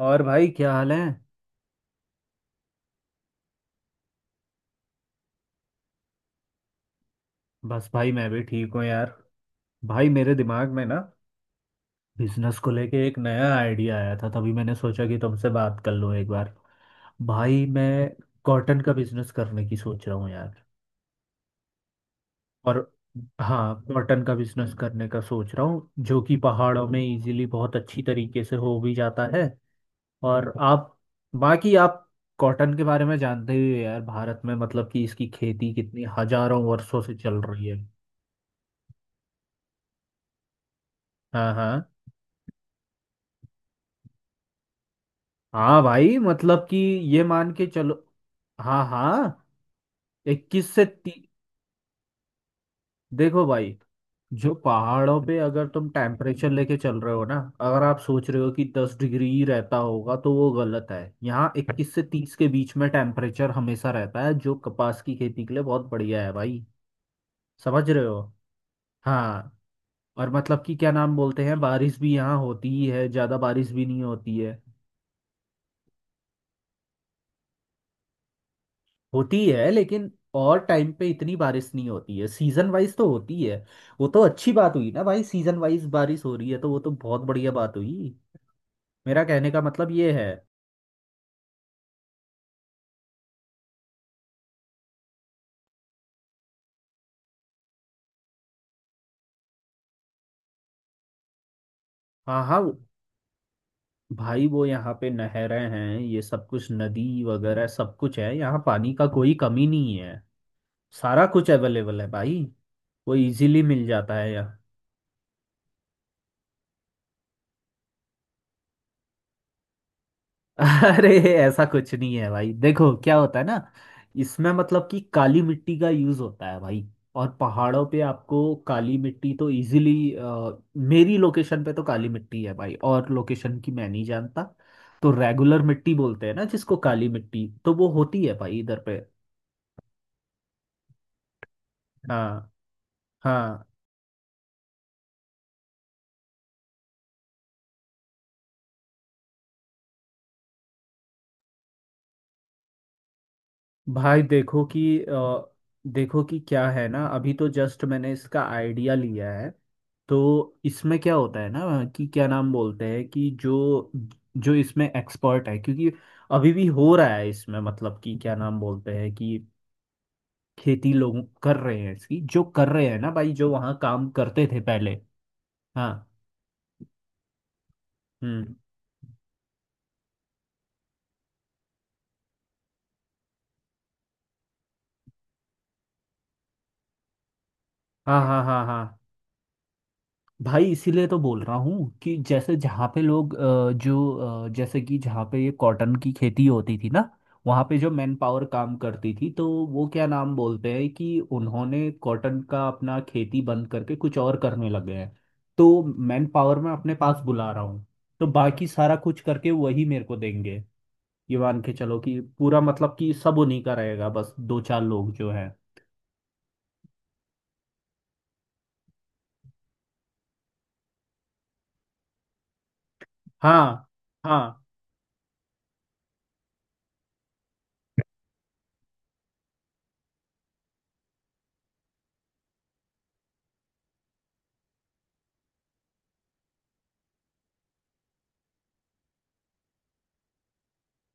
और भाई क्या हाल है? बस भाई मैं भी ठीक हूँ यार। भाई मेरे दिमाग में ना बिजनेस को लेके एक नया आइडिया आया था, तभी मैंने सोचा कि तुमसे बात कर लूँ एक बार। भाई मैं कॉटन का बिजनेस करने की सोच रहा हूँ यार। और। हाँ, कॉटन का बिजनेस करने का सोच रहा हूँ, जो कि पहाड़ों में इजीली बहुत अच्छी तरीके से हो भी जाता है। और आप बाकी आप कॉटन के बारे में जानते ही हो यार। भारत में मतलब कि इसकी खेती कितनी हजारों वर्षों से चल रही है। हाँ हाँ। हाँ भाई मतलब कि ये मान के चलो। हाँ हाँ। इक्कीस से ती... देखो भाई। जो पहाड़ों पे अगर तुम टेम्परेचर लेके चल रहे हो ना, अगर आप सोच रहे हो कि 10 डिग्री ही रहता होगा तो वो गलत है। यहाँ 21 से 30 के बीच में टेम्परेचर हमेशा रहता है, जो कपास की खेती के लिए बहुत बढ़िया है भाई। समझ रहे हो? हाँ। और मतलब कि क्या नाम बोलते हैं, बारिश भी यहाँ होती ही है, ज़्यादा बारिश भी नहीं होती है। होती है, लेकिन और टाइम पे इतनी बारिश नहीं होती है, सीजन वाइज तो होती है। वो तो अच्छी बात हुई ना भाई। सीजन वाइज बारिश हो रही है तो वो तो बहुत बढ़िया बात हुई। मेरा कहने का मतलब ये है। हाँ हाँ। भाई वो यहाँ पे नहरें हैं, ये सब कुछ, नदी वगैरह सब कुछ है, यहाँ पानी का कोई कमी नहीं है। सारा कुछ अवेलेबल है भाई, वो इजीली मिल जाता है यहाँ। अरे, ऐसा कुछ नहीं है भाई। देखो क्या होता है ना, इसमें मतलब कि काली मिट्टी का यूज होता है भाई। और पहाड़ों पे आपको काली मिट्टी तो इजीली। मेरी लोकेशन पे तो काली मिट्टी है भाई, और लोकेशन की मैं नहीं जानता। तो रेगुलर मिट्टी बोलते हैं ना जिसको, काली मिट्टी तो वो होती है भाई इधर पे। हाँ हाँ। भाई देखो कि देखो कि क्या है ना, अभी तो जस्ट मैंने इसका आइडिया लिया है। तो इसमें क्या होता है ना कि क्या नाम बोलते हैं कि जो जो इसमें एक्सपर्ट है, क्योंकि अभी भी हो रहा है इसमें, मतलब कि क्या नाम बोलते हैं कि खेती लोग कर रहे हैं इसकी, जो कर रहे हैं ना भाई, जो वहाँ काम करते थे पहले। हाँ। हम्म। हाँ हाँ हाँ हाँ। भाई इसीलिए तो बोल रहा हूँ कि जैसे जहाँ पे लोग जो जैसे कि जहाँ पे ये कॉटन की खेती होती थी ना, वहाँ पे जो मैन पावर काम करती थी, तो वो क्या नाम बोलते हैं कि उन्होंने कॉटन का अपना खेती बंद करके कुछ और करने लगे हैं। तो मैन पावर मैं अपने पास बुला रहा हूँ, तो बाकी सारा कुछ करके वही मेरे को देंगे। ये मान के चलो कि पूरा मतलब कि सब उन्हीं का रहेगा, बस दो चार लोग जो हैं। हाँ हाँ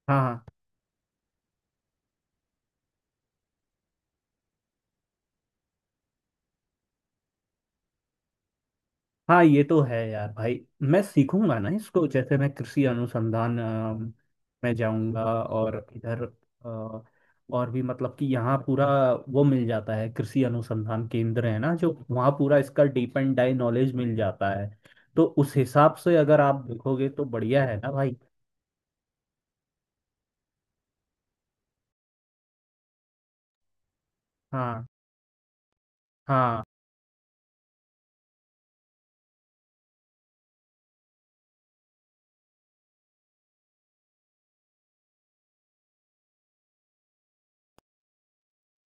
हाँ हाँ हाँ। ये तो है यार भाई। मैं सीखूंगा ना इसको, जैसे मैं कृषि अनुसंधान में जाऊंगा, और इधर अ, और भी मतलब कि यहाँ पूरा वो मिल जाता है, कृषि अनुसंधान केंद्र है ना, जो वहाँ पूरा इसका डीप एंड डाई नॉलेज मिल जाता है। तो उस हिसाब से अगर आप देखोगे तो बढ़िया है ना भाई। हाँ हाँ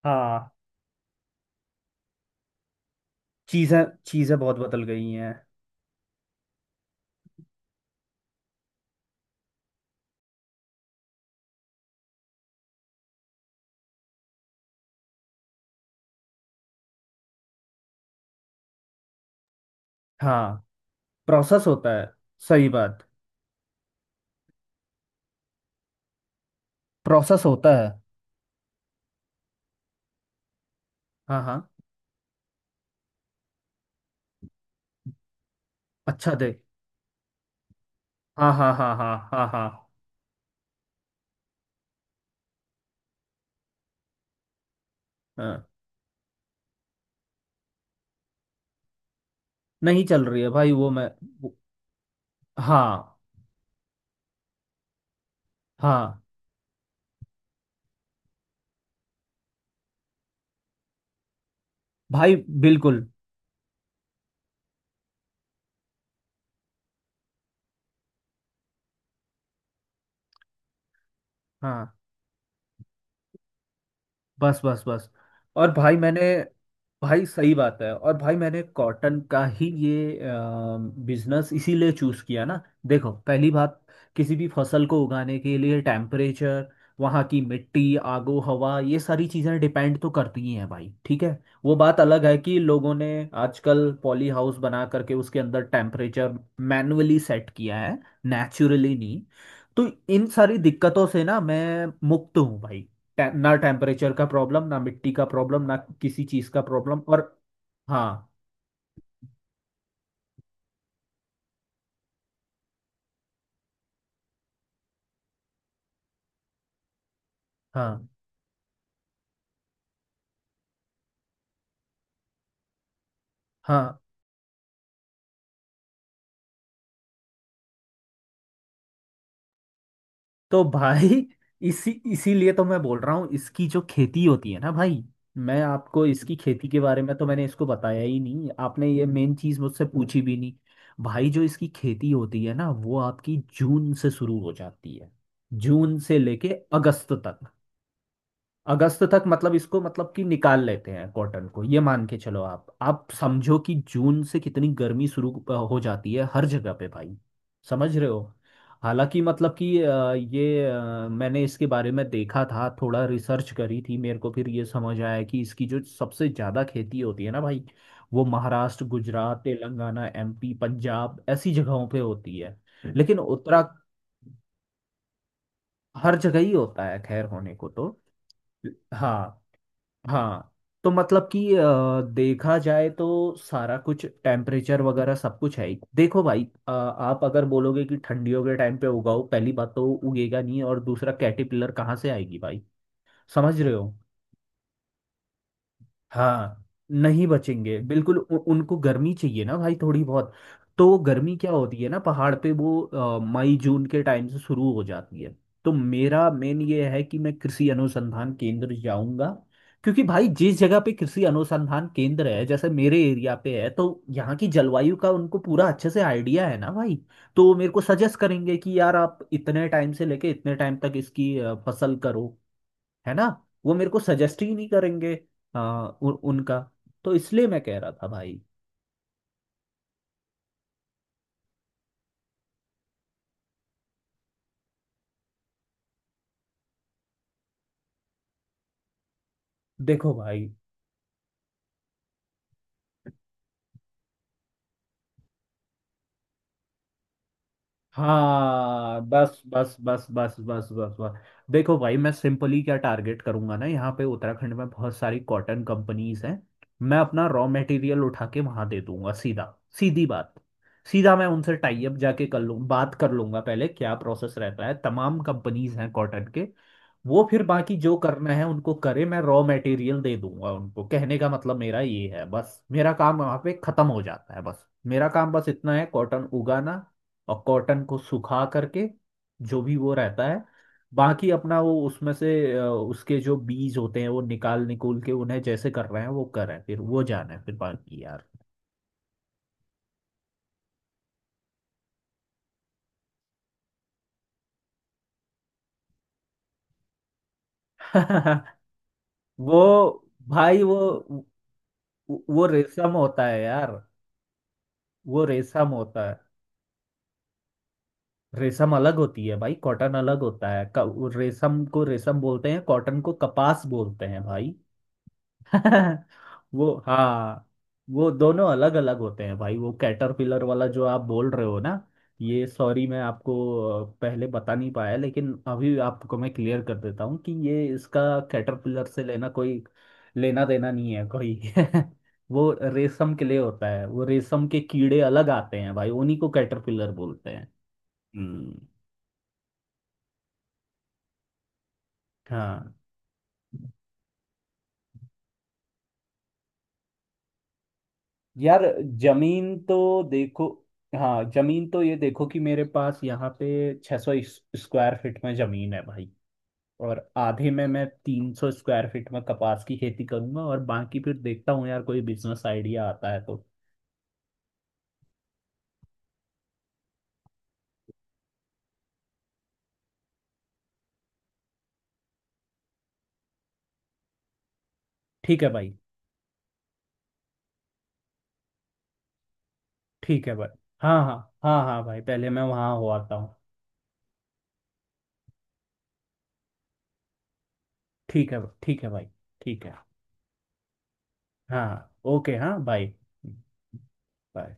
हाँ। चीजें चीजें बहुत बदल गई हैं। हाँ। प्रोसेस होता है। सही बात। प्रोसेस होता है। हाँ हाँ। अच्छा दे। हाँ हाँ हाँ हाँ हाँ हाँ हाँ। नहीं चल रही है भाई वो मैं। वो-। हाँ। हाँ। भाई। बिल्कुल। हाँ। बस बस बस। और भाई मैंने। भाई सही बात है, और भाई मैंने कॉटन का ही ये बिजनेस इसीलिए चूज किया ना। देखो पहली बात, किसी भी फसल को उगाने के लिए टेम्परेचर, वहाँ की मिट्टी, आगो हवा, ये सारी चीज़ें डिपेंड तो करती ही हैं भाई, ठीक है। वो बात अलग है कि लोगों ने आजकल पॉली हाउस बना करके उसके अंदर टेम्परेचर मैन्युअली सेट किया है, नेचुरली नहीं। तो इन सारी दिक्कतों से ना मैं मुक्त हूँ भाई। ना टेम्परेचर का प्रॉब्लम, ना मिट्टी का प्रॉब्लम, ना किसी चीज का प्रॉब्लम, और हाँ हाँ हाँ। तो भाई इसीलिए तो मैं बोल रहा हूँ, इसकी जो खेती होती है ना भाई। मैं आपको इसकी खेती के बारे में तो मैंने इसको बताया ही नहीं, आपने ये मेन चीज मुझसे पूछी भी नहीं। भाई जो इसकी खेती होती है ना, वो आपकी जून से शुरू हो जाती है। जून से लेके अगस्त तक। अगस्त तक मतलब इसको मतलब कि निकाल लेते हैं कॉटन को। ये मान के चलो आप समझो कि जून से कितनी गर्मी शुरू हो जाती है हर जगह पे भाई। समझ रहे हो? हालांकि मतलब कि ये मैंने इसके बारे में देखा था, थोड़ा रिसर्च करी थी। मेरे को फिर ये समझ आया कि इसकी जो सबसे ज़्यादा खेती होती है ना भाई, वो महाराष्ट्र, गुजरात, तेलंगाना, एमपी, पंजाब ऐसी जगहों पे होती है। लेकिन उत्तरा हर जगह ही होता है, खैर होने को तो। हाँ हाँ। तो मतलब कि देखा जाए तो सारा कुछ टेम्परेचर वगैरह सब कुछ है ही। देखो भाई आप अगर बोलोगे कि ठंडियों के टाइम पे उगाओ, पहली बात तो उगेगा नहीं, और दूसरा कैटरपिलर कहाँ से आएगी भाई। समझ रहे हो? हाँ। नहीं बचेंगे बिल्कुल। उनको गर्मी चाहिए ना भाई थोड़ी बहुत। तो गर्मी क्या होती है ना, पहाड़ पे वो मई जून के टाइम से शुरू हो जाती है। तो मेरा मेन ये है कि मैं कृषि अनुसंधान केंद्र जाऊंगा। क्योंकि भाई जिस जगह पे कृषि अनुसंधान केंद्र है, जैसे मेरे एरिया पे है, तो यहाँ की जलवायु का उनको पूरा अच्छे से आइडिया है ना भाई। तो वो मेरे को सजेस्ट करेंगे कि यार आप इतने टाइम से लेके इतने टाइम तक इसकी फसल करो, है ना। वो मेरे को सजेस्ट ही नहीं करेंगे। हाँ उनका। तो इसलिए मैं कह रहा था भाई। देखो भाई। हाँ बस बस बस बस बस बस बस। देखो भाई मैं सिंपली क्या टारगेट करूंगा ना, यहाँ पे उत्तराखंड में बहुत सारी कॉटन कंपनीज हैं। मैं अपना रॉ मटेरियल उठा के वहां दे दूंगा सीधा। सीधी बात। सीधा मैं उनसे टाई अप जाके कर लूँ, बात कर लूंगा पहले क्या प्रोसेस रहता है, तमाम कंपनीज हैं कॉटन के। वो फिर बाकी जो करना है उनको करे, मैं रॉ मटेरियल दे दूंगा उनको। कहने का मतलब मेरा ये है बस, मेरा काम वहां पे खत्म हो जाता है। बस मेरा काम बस इतना है, कॉटन उगाना और कॉटन को सुखा करके जो भी वो रहता है। बाकी अपना वो उसमें से उसके जो बीज होते हैं वो निकाल निकूल के उन्हें जैसे कर रहे हैं वो कर रहे हैं, फिर वो जाना है फिर बाकी यार। वो भाई वो रेशम होता है यार। वो रेशम होता है। रेशम अलग होती है भाई, कॉटन अलग होता है। रेशम को रेशम बोलते हैं, कॉटन को कपास बोलते हैं भाई। वो हाँ। वो दोनों अलग अलग होते हैं भाई। वो कैटरपिलर वाला जो आप बोल रहे हो ना, ये सॉरी मैं आपको पहले बता नहीं पाया, लेकिन अभी आपको मैं क्लियर कर देता हूँ कि ये इसका कैटरपिलर से लेना कोई लेना देना नहीं है कोई। वो रेशम के लिए होता है, वो रेशम के कीड़े अलग आते हैं भाई, उन्हीं को कैटरपिलर बोलते हैं। हम्म। हाँ। यार जमीन तो देखो। हाँ जमीन तो ये देखो कि मेरे पास यहाँ पे 600 स्क्वायर फीट में जमीन है भाई, और आधे में मैं 300 स्क्वायर फीट में कपास की खेती करूंगा, और बाकी फिर देखता हूँ यार कोई बिजनेस आइडिया आता है तो। ठीक है भाई। ठीक है भाई। हाँ हाँ हाँ हाँ भाई पहले मैं वहाँ हो आता हूँ। ठीक है भाई। ठीक है। हाँ ओके हाँ बाय। बाय।